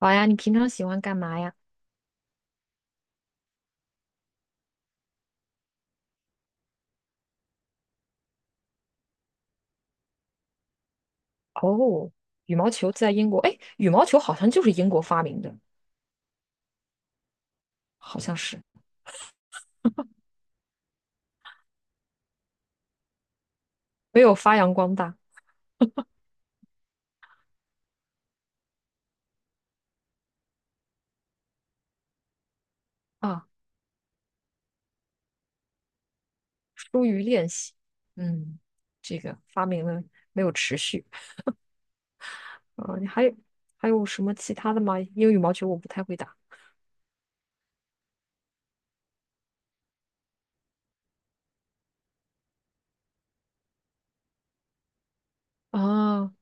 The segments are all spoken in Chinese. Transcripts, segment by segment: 好呀，你平常喜欢干嘛呀？哦，羽毛球在英国，哎，羽毛球好像就是英国发明的，好像是没有发扬光大啊，疏于练习。嗯，这个发明了没有持续啊？你还有什么其他的吗？因为羽毛球我不太会打啊。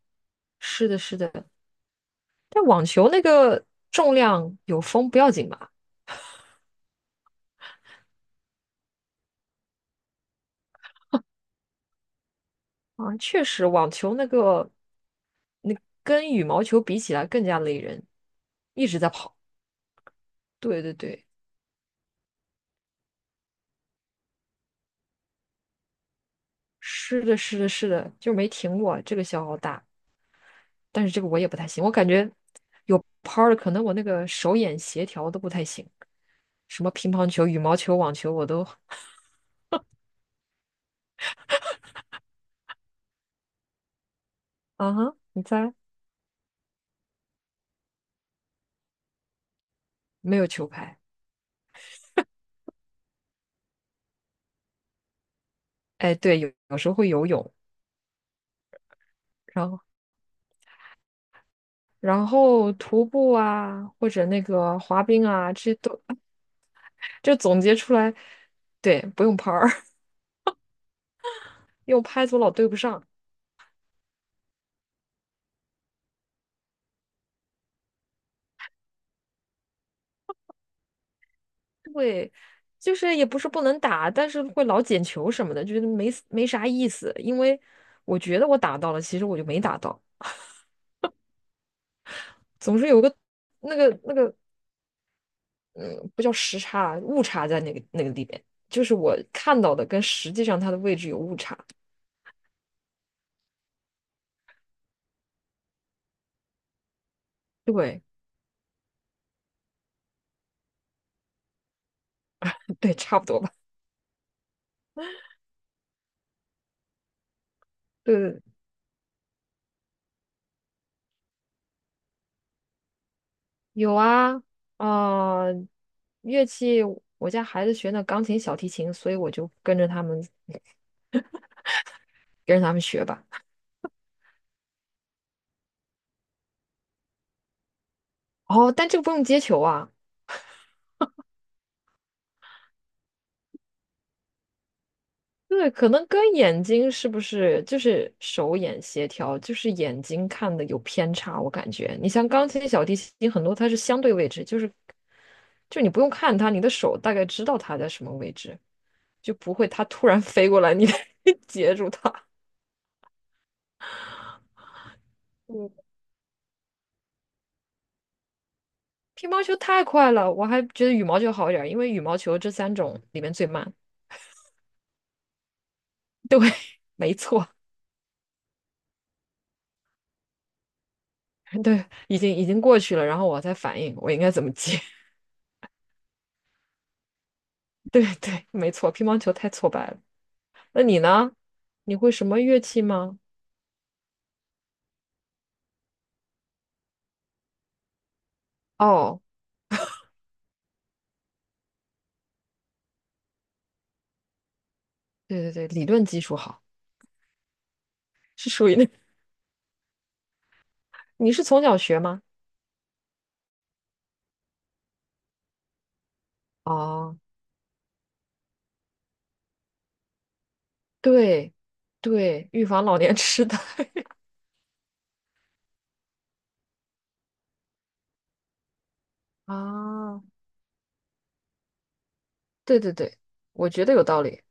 是的，是的，但网球那个重量有风不要紧吧？啊，确实，网球那个那跟羽毛球比起来更加累人，一直在跑。对对对。是的，是的，是的，就没停过，这个消耗大，但是这个我也不太行，我感觉有拍儿的，可能我那个手眼协调都不太行，什么乒乓球、羽毛球、网球我都 啊哈，你猜？没有球拍，哎，对，有时候会游泳，然后徒步啊，或者那个滑冰啊，这些都 就总结出来，对，不用拍儿，因为我拍子我老对不上。会，就是也不是不能打，但是会老捡球什么的，觉得没啥意思。因为我觉得我打到了，其实我就没打到，总是有个那个，嗯，不叫时差，误差在那个里边，就是我看到的跟实际上它的位置有误差。对对，差不多吧。对，有啊，啊、乐器，我家孩子学那钢琴、小提琴，所以我就跟着他们学吧。哦，但这个不用接球啊。对，可能跟眼睛是不是就是手眼协调，就是眼睛看的有偏差，我感觉。你像钢琴、小提琴，很多它是相对位置，就是就你不用看它，你的手大概知道它在什么位置，就不会它突然 飞过来，你 截住它。嗯，乒乓球太快了，我还觉得羽毛球好一点儿，因为羽毛球这三种里面最慢。没错，对，已经过去了，然后我再反应我应该怎么接。对对，没错，乒乓球太挫败了。那你呢？你会什么乐器吗？哦，对对对，理论基础好，是属于那。你是从小学吗？哦，对对，预防老年痴呆 啊，对对对，我觉得有道理。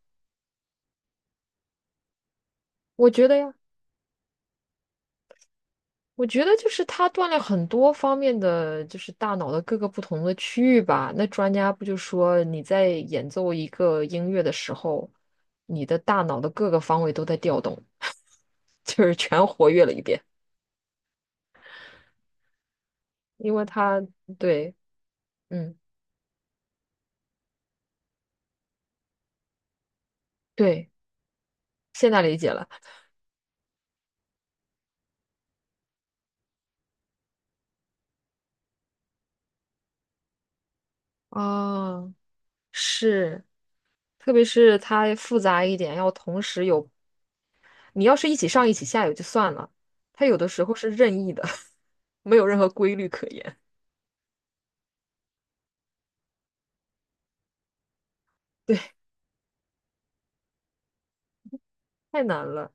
我觉得呀，我觉得就是它锻炼很多方面的，就是大脑的各个不同的区域吧。那专家不就说你在演奏一个音乐的时候，你的大脑的各个方位都在调动，就是全活跃了一遍。因为它对嗯，对，现在理解了。哦，是，特别是它复杂一点，要同时有，你要是一起上一起下也就算了，它有的时候是任意的，没有任何规律可言。对，太难了。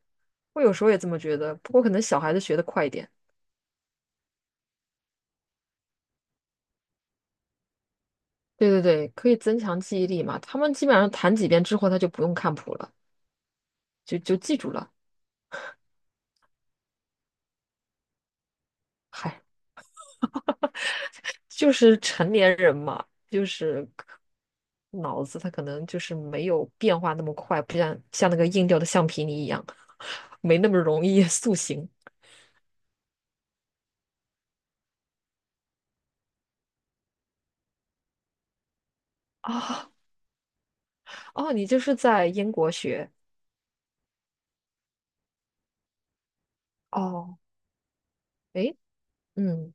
我有时候也这么觉得，不过可能小孩子学的快一点。对对对，可以增强记忆力嘛，他们基本上弹几遍之后，他就不用看谱了，就记住了。嗨。就是成年人嘛，就是可脑子他可能就是没有变化那么快，不像那个硬掉的橡皮泥一样，没那么容易 塑形啊。哦，你就是在英国学哦？诶，嗯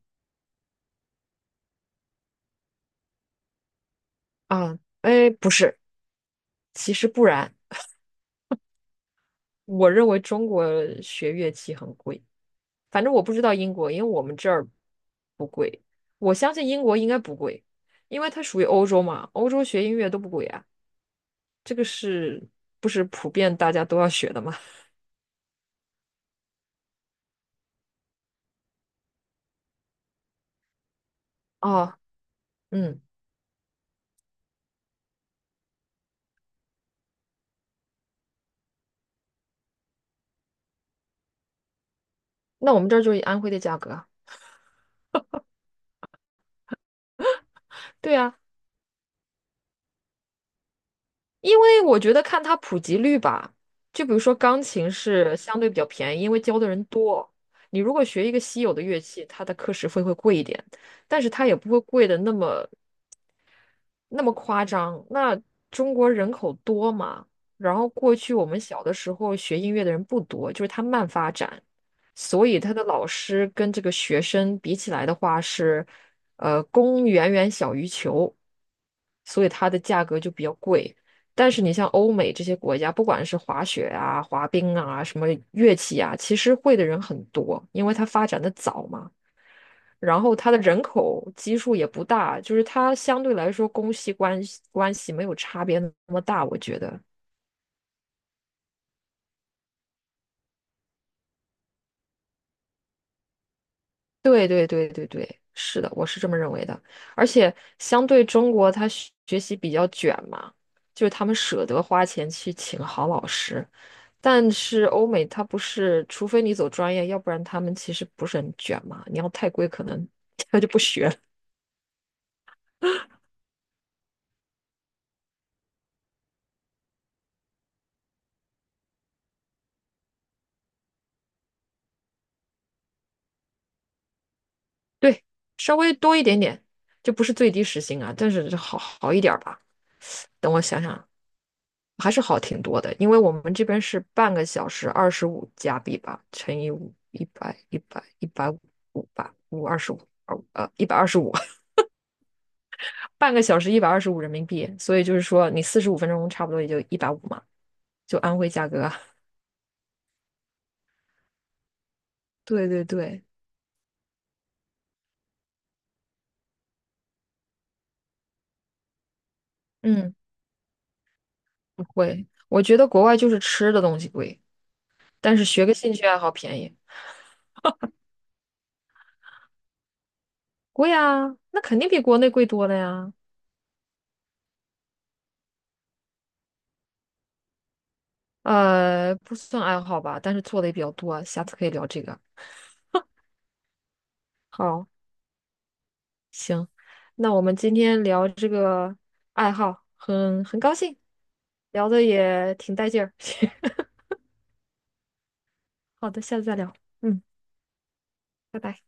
啊，诶，不是，其实不然，我认为中国学乐器很贵，反正我不知道英国，因为我们这儿不贵，我相信英国应该不贵，因为它属于欧洲嘛，欧洲学音乐都不贵啊。这个是不是普遍大家都要学的嘛？哦，嗯，那我们这儿就是以安徽的价格啊对啊，因为我觉得看它普及率吧，就比如说钢琴是相对比较便宜，因为教的人多。你如果学一个稀有的乐器，它的课时费会贵一点，但是它也不会贵的那么那么夸张。那中国人口多嘛，然后过去我们小的时候学音乐的人不多，就是它慢发展，所以他的老师跟这个学生比起来的话是，呃，供远远小于求，所以它的价格就比较贵。但是你像欧美这些国家，不管是滑雪啊、滑冰啊、什么乐器啊，其实会的人很多，因为它发展的早嘛。然后它的人口基数也不大，就是它相对来说公系关系没有差别那么大，我觉得。对对对对对，是的，我是这么认为的。而且相对中国，他学习比较卷嘛，就是他们舍得花钱去请好老师，但是欧美它不是，除非你走专业，要不然他们其实不是很卷嘛。你要太贵，可能 他就不学了。对，稍微多一点点，就不是最低时薪啊，但是好一点儿吧。等我想想，还是好挺多的，因为我们这边是半个小时25加币吧，乘以五，一百一百一百五吧，五二十五，一百二十五，半个小时125人民币，所以就是说你45分钟差不多也就一百五嘛，就安徽价格啊 对对对，嗯，不会，我觉得国外就是吃的东西贵，但是学个兴趣爱好便宜，贵啊，那肯定比国内贵多了呀。不算爱好吧，但是做的也比较多啊，下次可以聊这个。好。那我们今天聊这个爱好，很高兴，聊的也挺带劲儿。好的，下次再聊。嗯，拜拜。